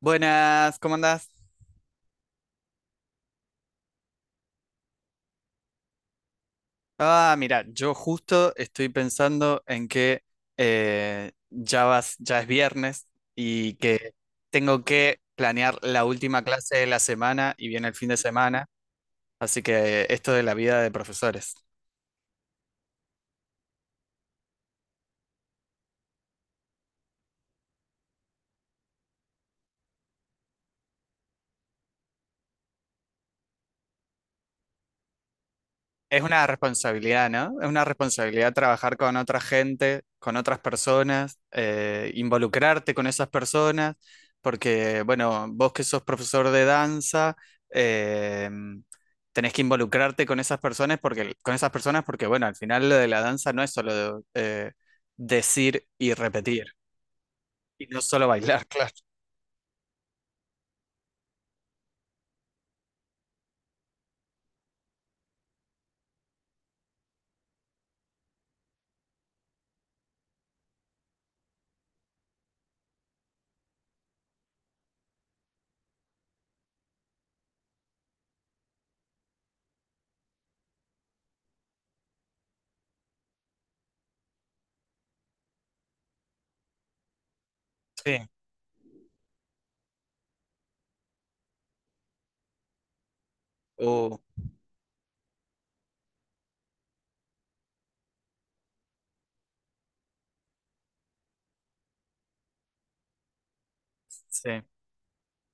Buenas, ¿cómo andás? Ah, mira, yo justo estoy pensando en que ya vas, ya es viernes y que tengo que planear la última clase de la semana y viene el fin de semana, así que esto de la vida de profesores. Es una responsabilidad, ¿no? Es una responsabilidad trabajar con otra gente, con otras personas, involucrarte con esas personas, porque, bueno, vos que sos profesor de danza, eh, tenés que involucrarte con esas personas porque, bueno, al final lo de la danza no es solo decir y repetir, y no solo bailar, claro. Sí. Uh, sí.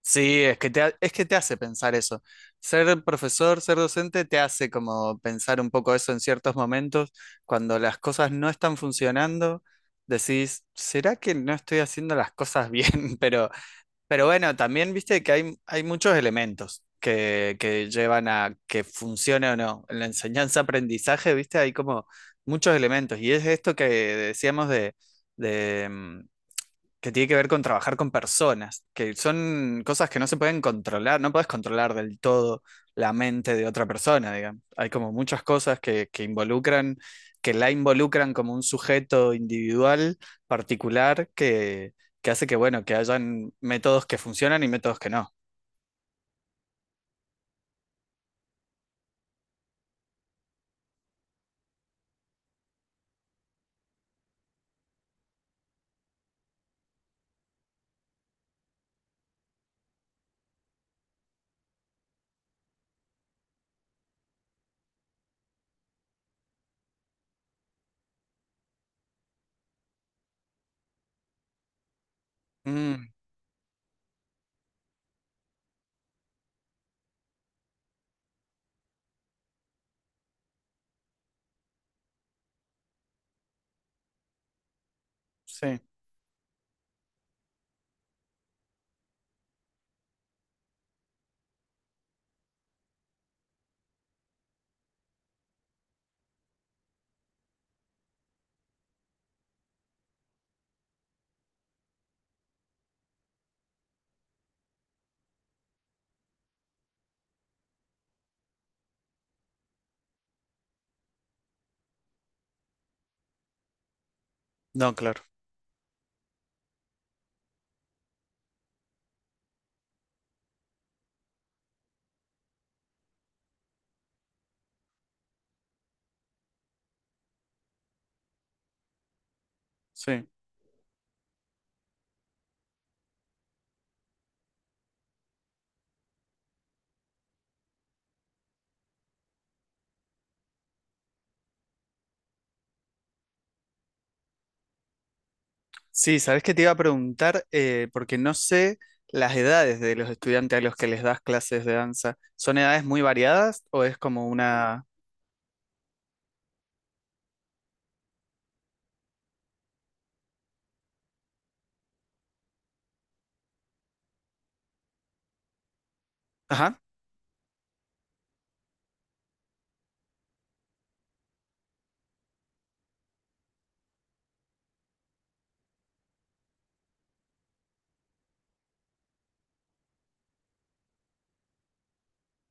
Sí, es que es que te hace pensar eso. Ser profesor, ser docente, te hace como pensar un poco eso en ciertos momentos. Cuando las cosas no están funcionando, decís, ¿será que no estoy haciendo las cosas bien? Pero, pero bueno, también viste que hay muchos elementos que llevan a que funcione o no. En la enseñanza-aprendizaje, viste, hay como muchos elementos. Y es esto que decíamos de, de, mm, que tiene que ver con trabajar con personas, que son cosas que no se pueden controlar, no puedes controlar del todo la mente de otra persona, digamos. Hay como muchas cosas que involucran, que la involucran como un sujeto individual, particular, que hace que, bueno, que hayan métodos que funcionan y métodos que no. Mm, sí, no, claro, sí. Sí, sabes que te iba a preguntar, porque no sé las edades de los estudiantes a los que les das clases de danza. ¿Son edades muy variadas o es como una... Ajá,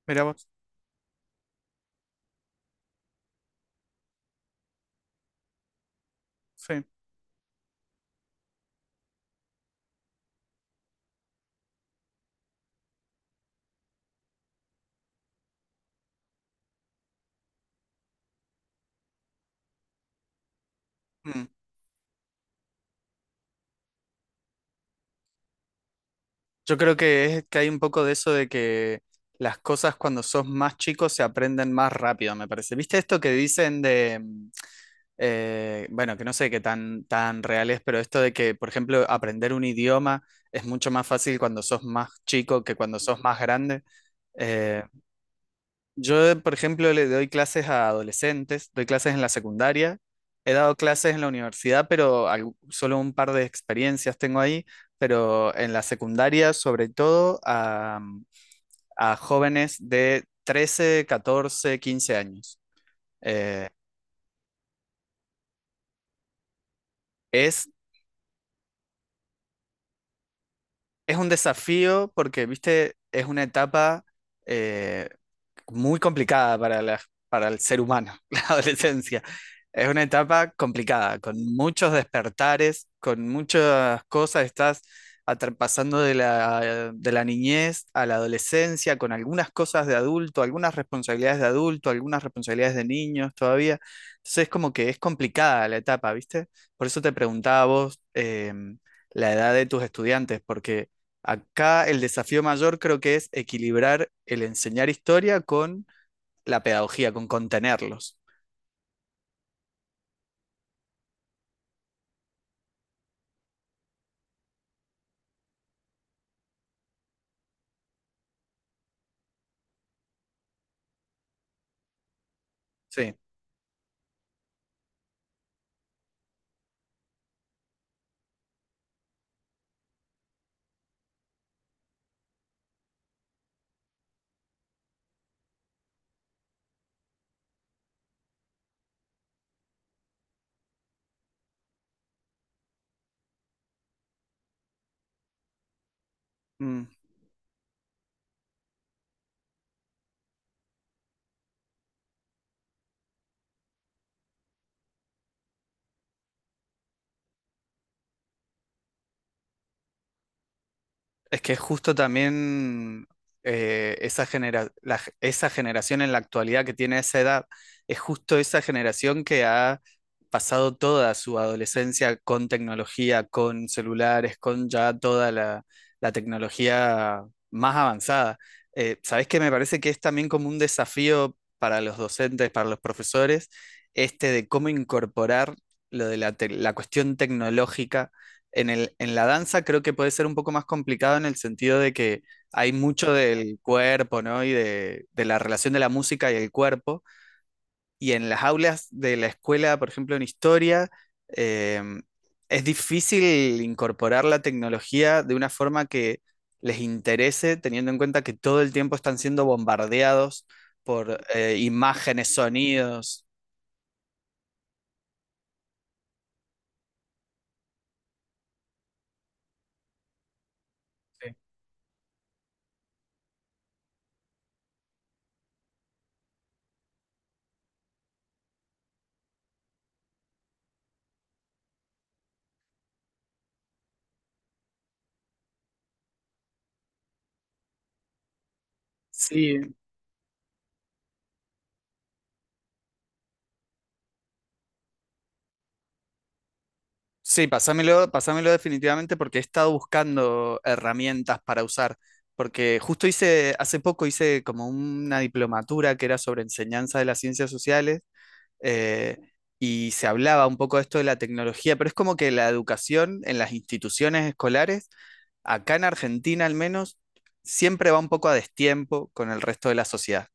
mira vos. Sí. Mm. Yo creo que es que hay un poco de eso de que las cosas cuando sos más chico se aprenden más rápido, me parece. ¿Viste esto que dicen de... bueno, que no sé qué tan, tan real es, pero esto de que, por ejemplo, aprender un idioma es mucho más fácil cuando sos más chico que cuando sos más grande. Eh, Yo, por ejemplo, le doy clases a adolescentes, doy clases en la secundaria, he dado clases en la universidad, pero solo un par de experiencias tengo ahí, pero en la secundaria sobre todo a jóvenes de 13, 14, 15 años. Eh, es, es un desafío porque, viste, es una etapa, eh, muy complicada para para el ser humano, la adolescencia. Es una etapa complicada, con muchos despertares, con muchas cosas. Estás pasando de la niñez a la adolescencia, con algunas cosas de adulto, algunas responsabilidades de adulto, algunas responsabilidades de niños todavía. Entonces es como que es complicada la etapa, ¿viste? Por eso te preguntaba a vos la edad de tus estudiantes, porque acá el desafío mayor creo que es equilibrar el enseñar historia con la pedagogía, con contenerlos. Sí. Mm. Es que justo también esa generación en la actualidad que tiene esa edad, es justo esa generación que ha pasado toda su adolescencia con tecnología, con celulares, con ya toda la, la tecnología más avanzada. ¿Sabés qué? Me parece que es también como un desafío para los docentes, para los profesores, este de cómo incorporar lo de la cuestión tecnológica en el, en la danza creo que puede ser un poco más complicado en el sentido de que hay mucho del cuerpo, ¿no? Y de la relación de la música y el cuerpo. Y en las aulas de la escuela, por ejemplo, en historia, eh, es difícil incorporar la tecnología de una forma que les interese, teniendo en cuenta que todo el tiempo están siendo bombardeados por imágenes, sonidos. Sí. Sí. Sí, pásamelo, pásamelo definitivamente porque he estado buscando herramientas para usar, porque hace poco hice como una diplomatura que era sobre enseñanza de las ciencias sociales eh, y se hablaba un poco de esto de la tecnología, pero es como que la educación en las instituciones escolares, acá en Argentina al menos, siempre va un poco a destiempo con el resto de la sociedad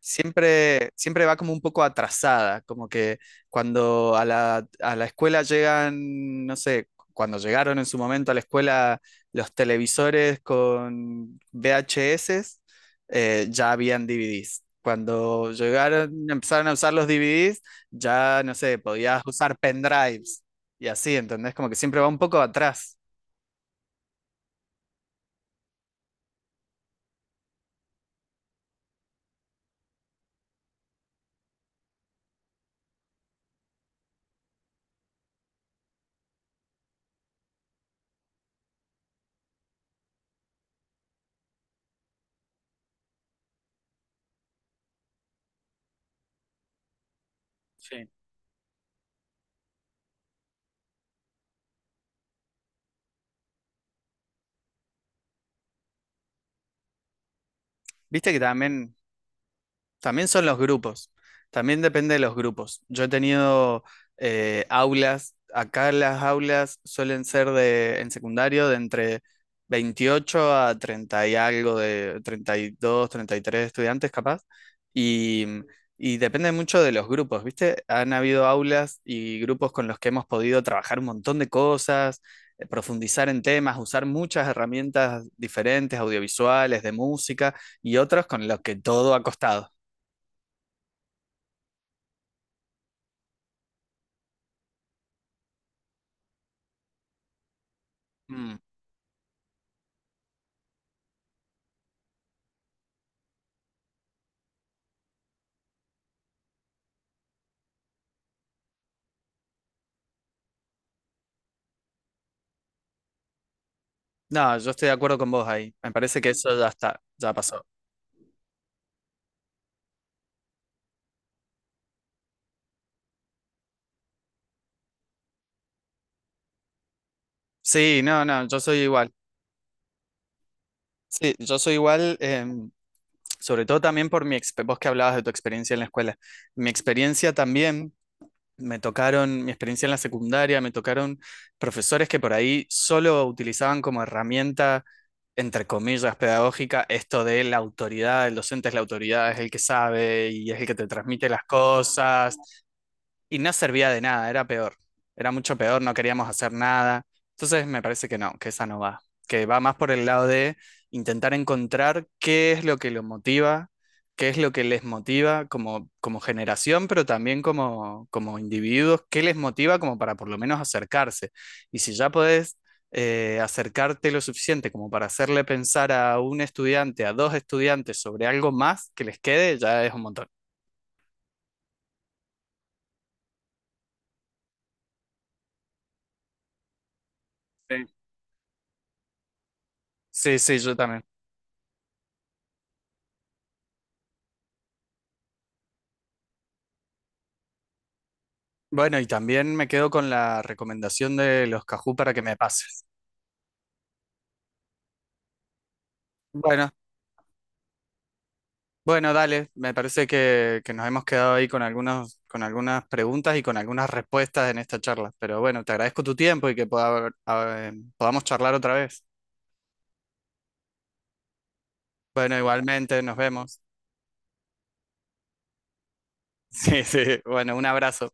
siempre va como un poco atrasada, como que cuando a a la escuela llegan, no sé, cuando llegaron en su momento a la escuela los televisores con VHS, ya habían DVDs. Cuando llegaron, empezaron a usar los DVDs, ya, no sé, podías usar pendrives y así, ¿entendés? Como que siempre va un poco atrás. Sí. Viste que también también son los grupos, también depende de los grupos. Yo he tenido aulas, acá las aulas suelen ser de, en secundario de entre 28 a 30 y algo, de 30, 32, 33 estudiantes capaz, y, y depende mucho de los grupos, ¿viste? Han habido aulas y grupos con los que hemos podido trabajar un montón de cosas, profundizar en temas, usar muchas herramientas diferentes, audiovisuales, de música, y otros con los que todo ha costado. Mm. No, yo estoy de acuerdo con vos ahí. Me parece que eso ya está, ya pasó. Sí, no, no, yo soy igual. Sí, yo soy igual, sobre todo también por mi experiencia, vos que hablabas de tu experiencia en la escuela. Mi experiencia también, me tocaron, mi experiencia en la secundaria, me tocaron profesores que por ahí solo utilizaban como herramienta, entre comillas, pedagógica, esto de la autoridad, el docente es la autoridad, es el que sabe y es el que te transmite las cosas. Y no servía de nada, era peor. Era mucho peor, no queríamos hacer nada. Entonces me parece que no, que esa no va. Que va más por el lado de intentar encontrar qué es lo que lo motiva, qué es lo que les motiva como, como generación, pero también como, como individuos, qué les motiva como para por lo menos acercarse. Y si ya podés acercarte lo suficiente como para hacerle pensar a un estudiante, a dos estudiantes sobre algo más que les quede, ya es un montón. Sí. Sí, sí, yo también. Bueno, y también me quedo con la recomendación de los Cajú para que me pases. Bueno, bueno, dale. Me parece que nos hemos quedado ahí con algunos, con algunas preguntas y con algunas respuestas en esta charla. Pero bueno, te agradezco tu tiempo y que podamos charlar otra vez. Bueno, igualmente, nos vemos. Sí, sí. Bueno, un abrazo.